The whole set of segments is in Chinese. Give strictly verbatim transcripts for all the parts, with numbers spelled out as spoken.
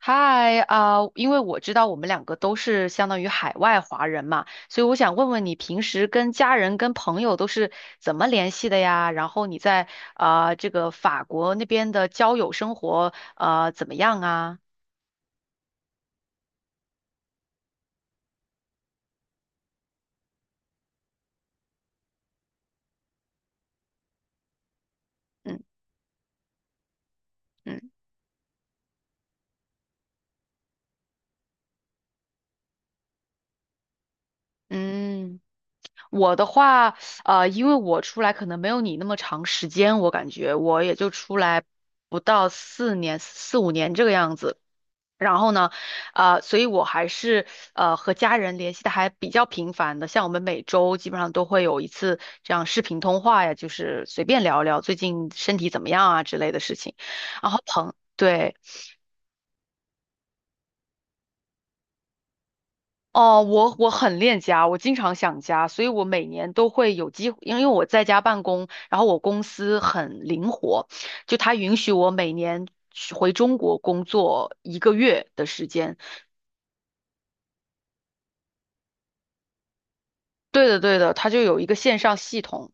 嗨啊，因为我知道我们两个都是相当于海外华人嘛，所以我想问问你平时跟家人、跟朋友都是怎么联系的呀？然后你在啊、这个法国那边的交友生活呃怎么样啊？嗯嗯嗯，我的话啊，因为我出来可能没有你那么长时间，我感觉我也就出来不到四年、四五年这个样子。然后呢，呃，所以我还是呃和家人联系的还比较频繁的，像我们每周基本上都会有一次这样视频通话呀，就是随便聊聊最近身体怎么样啊之类的事情。然后朋，对，哦，我我很恋家，我经常想家，所以我每年都会有机会，因为我在家办公，然后我公司很灵活，就它允许我每年去回中国工作一个月的时间。对的，对的，它就有一个线上系统。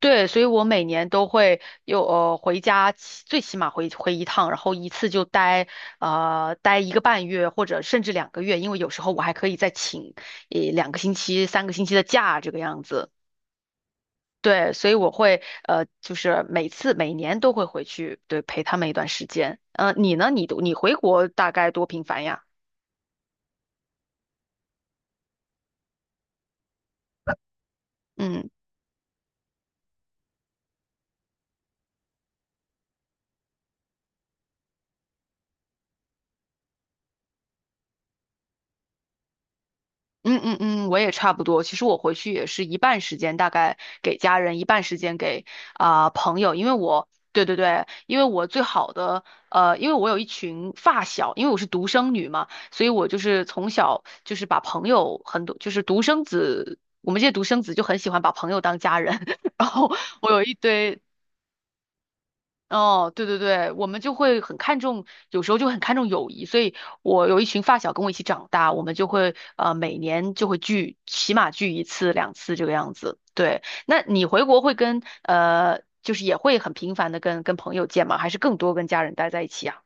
对，所以我每年都会有呃回家起，最起码回回一趟，然后一次就待呃待一个半月或者甚至两个月，因为有时候我还可以再请一两个星期、三个星期的假这个样子。对，所以我会呃就是每次每年都会回去，对，陪他们一段时间。嗯，你呢？你都你回国大概多频繁呀？嗯。嗯嗯嗯，我也差不多。其实我回去也是一半时间大概给家人，一半时间给啊、朋友，因为我对对对，因为我最好的呃，因为我有一群发小，因为我是独生女嘛，所以我就是从小就是把朋友很多，就是独生子，我们这些独生子就很喜欢把朋友当家人，然后我有一堆。哦，对对对，我们就会很看重，有时候就很看重友谊，所以我有一群发小跟我一起长大，我们就会呃每年就会聚，起码聚一次两次这个样子。对，那你回国会跟呃，就是也会很频繁的跟跟朋友见吗？还是更多跟家人待在一起啊？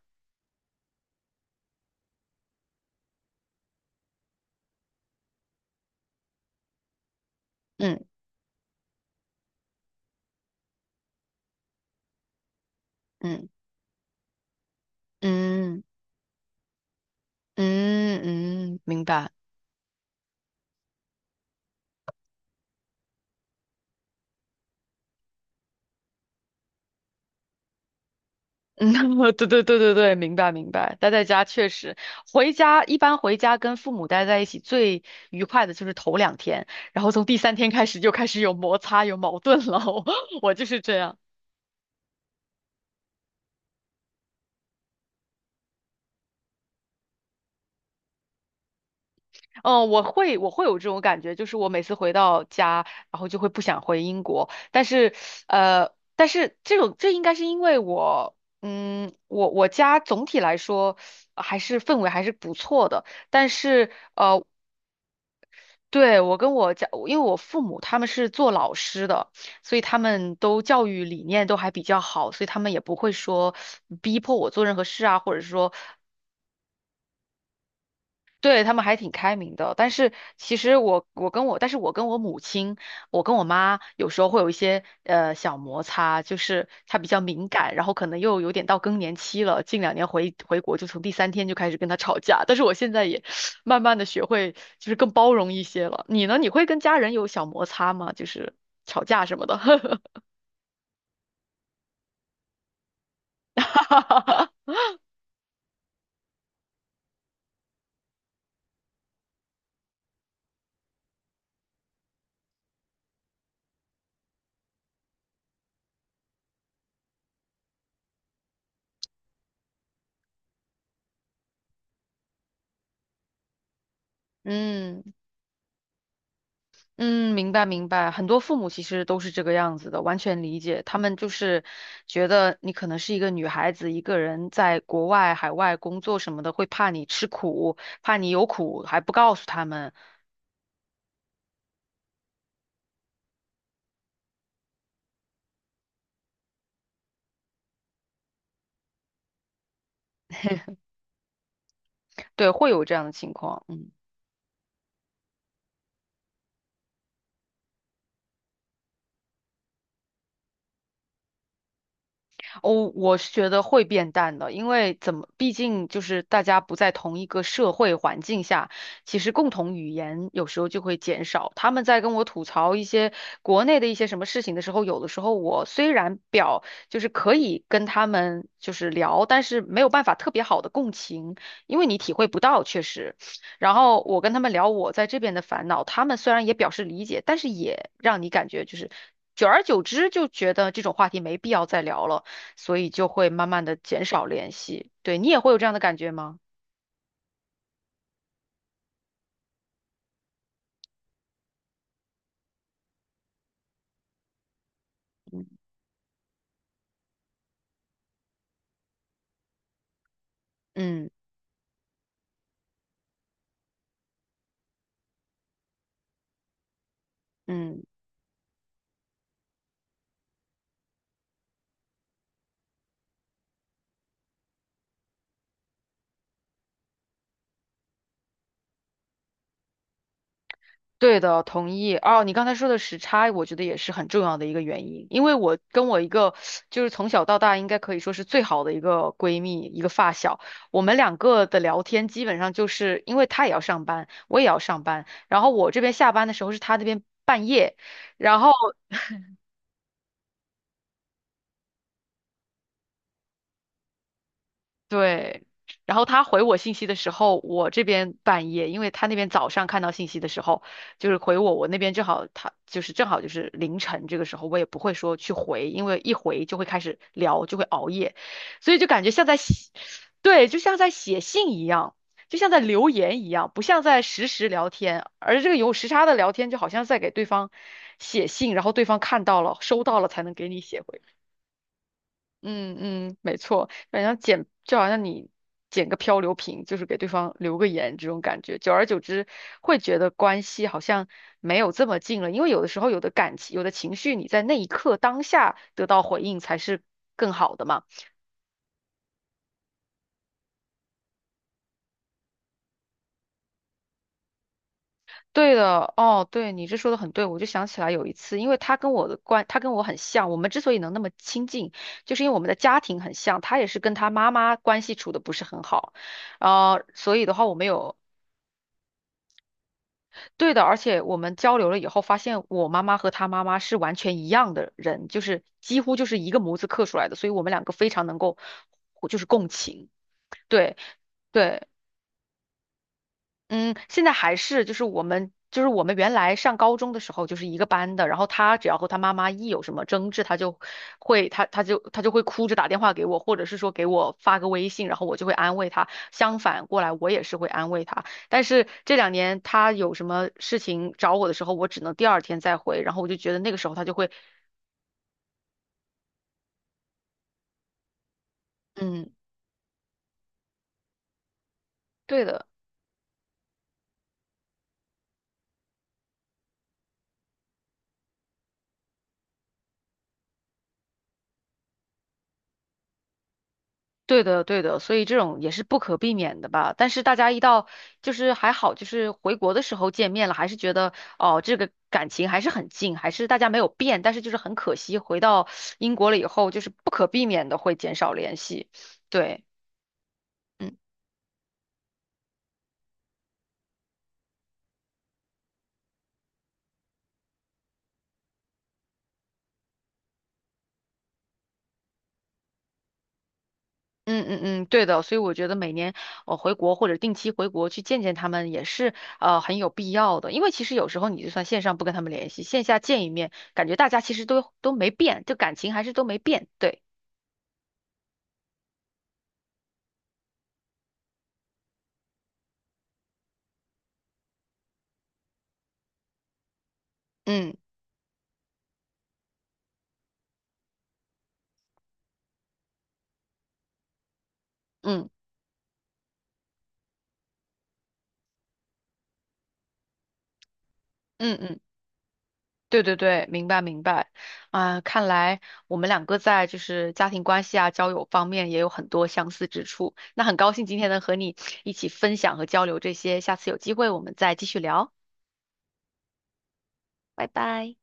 嗯嗯嗯嗯嗯，明白。嗯，对对对对对，明白明白。待在家确实，回家一般回家跟父母待在一起最愉快的就是头两天，然后从第三天开始就开始有摩擦有矛盾了。我我就是这样，嗯，我会我会有这种感觉，就是我每次回到家，然后就会不想回英国，但是呃，但是这种这应该是因为我。嗯，我我家总体来说呃还是氛围还是不错的，但是呃，对，我跟我家，因为我父母他们是做老师的，所以他们都教育理念都还比较好，所以他们也不会说逼迫我做任何事啊，或者说对，他们还挺开明的，但是其实我我跟我，但是我跟我母亲，我跟我妈有时候会有一些呃小摩擦，就是她比较敏感，然后可能又有点到更年期了，近两年回回国就从第三天就开始跟她吵架，但是我现在也慢慢的学会就是更包容一些了。你呢？你会跟家人有小摩擦吗？就是吵架什么的？嗯嗯，明白明白，很多父母其实都是这个样子的，完全理解。他们就是觉得你可能是一个女孩子，一个人在国外、海外工作什么的，会怕你吃苦，怕你有苦还不告诉他们，对，会有这样的情况。嗯。哦，我是觉得会变淡的，因为怎么，毕竟就是大家不在同一个社会环境下，其实共同语言有时候就会减少。他们在跟我吐槽一些国内的一些什么事情的时候，有的时候我虽然表就是可以跟他们就是聊，但是没有办法特别好的共情，因为你体会不到，确实。然后我跟他们聊我在这边的烦恼，他们虽然也表示理解，但是也让你感觉就是。久而久之就觉得这种话题没必要再聊了。所以就会慢慢的减少联系。对，你也会有这样的感觉吗？嗯嗯嗯对的，同意。哦，你刚才说的时差，我觉得也是很重要的一个原因，因为我跟我一个就是从小到大应该可以说是最好的一个闺蜜，一个发小，我们两个的聊天基本上就是因为她也要上班，我也要上班，然后我这边下班的时候是她那边半夜，然后。对，然后他回我信息的时候，我这边半夜，因为他那边早上看到信息的时候，就是回我，我那边正好他就是正好就是凌晨这个时候，我也不会说去回，因为一回就会开始聊，就会熬夜，所以就感觉像在写，对，就像在写信一样，就像在留言一样，不像在实时聊天，而这个有时差的聊天就好像在给对方写信，然后对方看到了收到了才能给你写回。嗯嗯，没错，反正捡就好像你捡个漂流瓶，就是给对方留个言这种感觉，久而久之会觉得关系好像没有这么近了，因为有的时候有的感情、有的情绪，你在那一刻当下得到回应才是更好的嘛。对的，哦，对，你这说的很对，我就想起来有一次，因为他跟我的关，他跟我很像，我们之所以能那么亲近，就是因为我们的家庭很像，他也是跟他妈妈关系处的不是很好。呃，所以的话，我们有对的，而且我们交流了以后，发现我妈妈和她妈妈是完全一样的人，就是几乎就是一个模子刻出来的，所以我们两个非常能够，就是共情。对对，嗯，现在还是就是我们就是我们原来上高中的时候就是一个班的，然后他只要和他妈妈一有什么争执，他就会他他就他就会哭着打电话给我，或者是说给我发个微信，然后我就会安慰他。相反过来，我也是会安慰他。但是这两年他有什么事情找我的时候，我只能第二天再回，然后我就觉得那个时候他就会，嗯，对的。对的，对的，所以这种也是不可避免的吧。但是大家一到就是还好，就是回国的时候见面了，还是觉得哦，这个感情还是很近，还是大家没有变。但是就是很可惜，回到英国了以后，就是不可避免的会减少联系。对，嗯嗯嗯嗯，对的。所以我觉得每年我、呃回国或者定期回国去见见他们也是呃很有必要的，因为其实有时候你就算线上不跟他们联系，线下见一面，感觉大家其实都都没变，就感情还是都没变。对，嗯嗯。嗯嗯，对对对，明白明白。啊、看来我们两个在就是家庭关系啊、交友方面也有很多相似之处。那很高兴今天能和你一起分享和交流这些，下次有机会我们再继续聊，拜拜。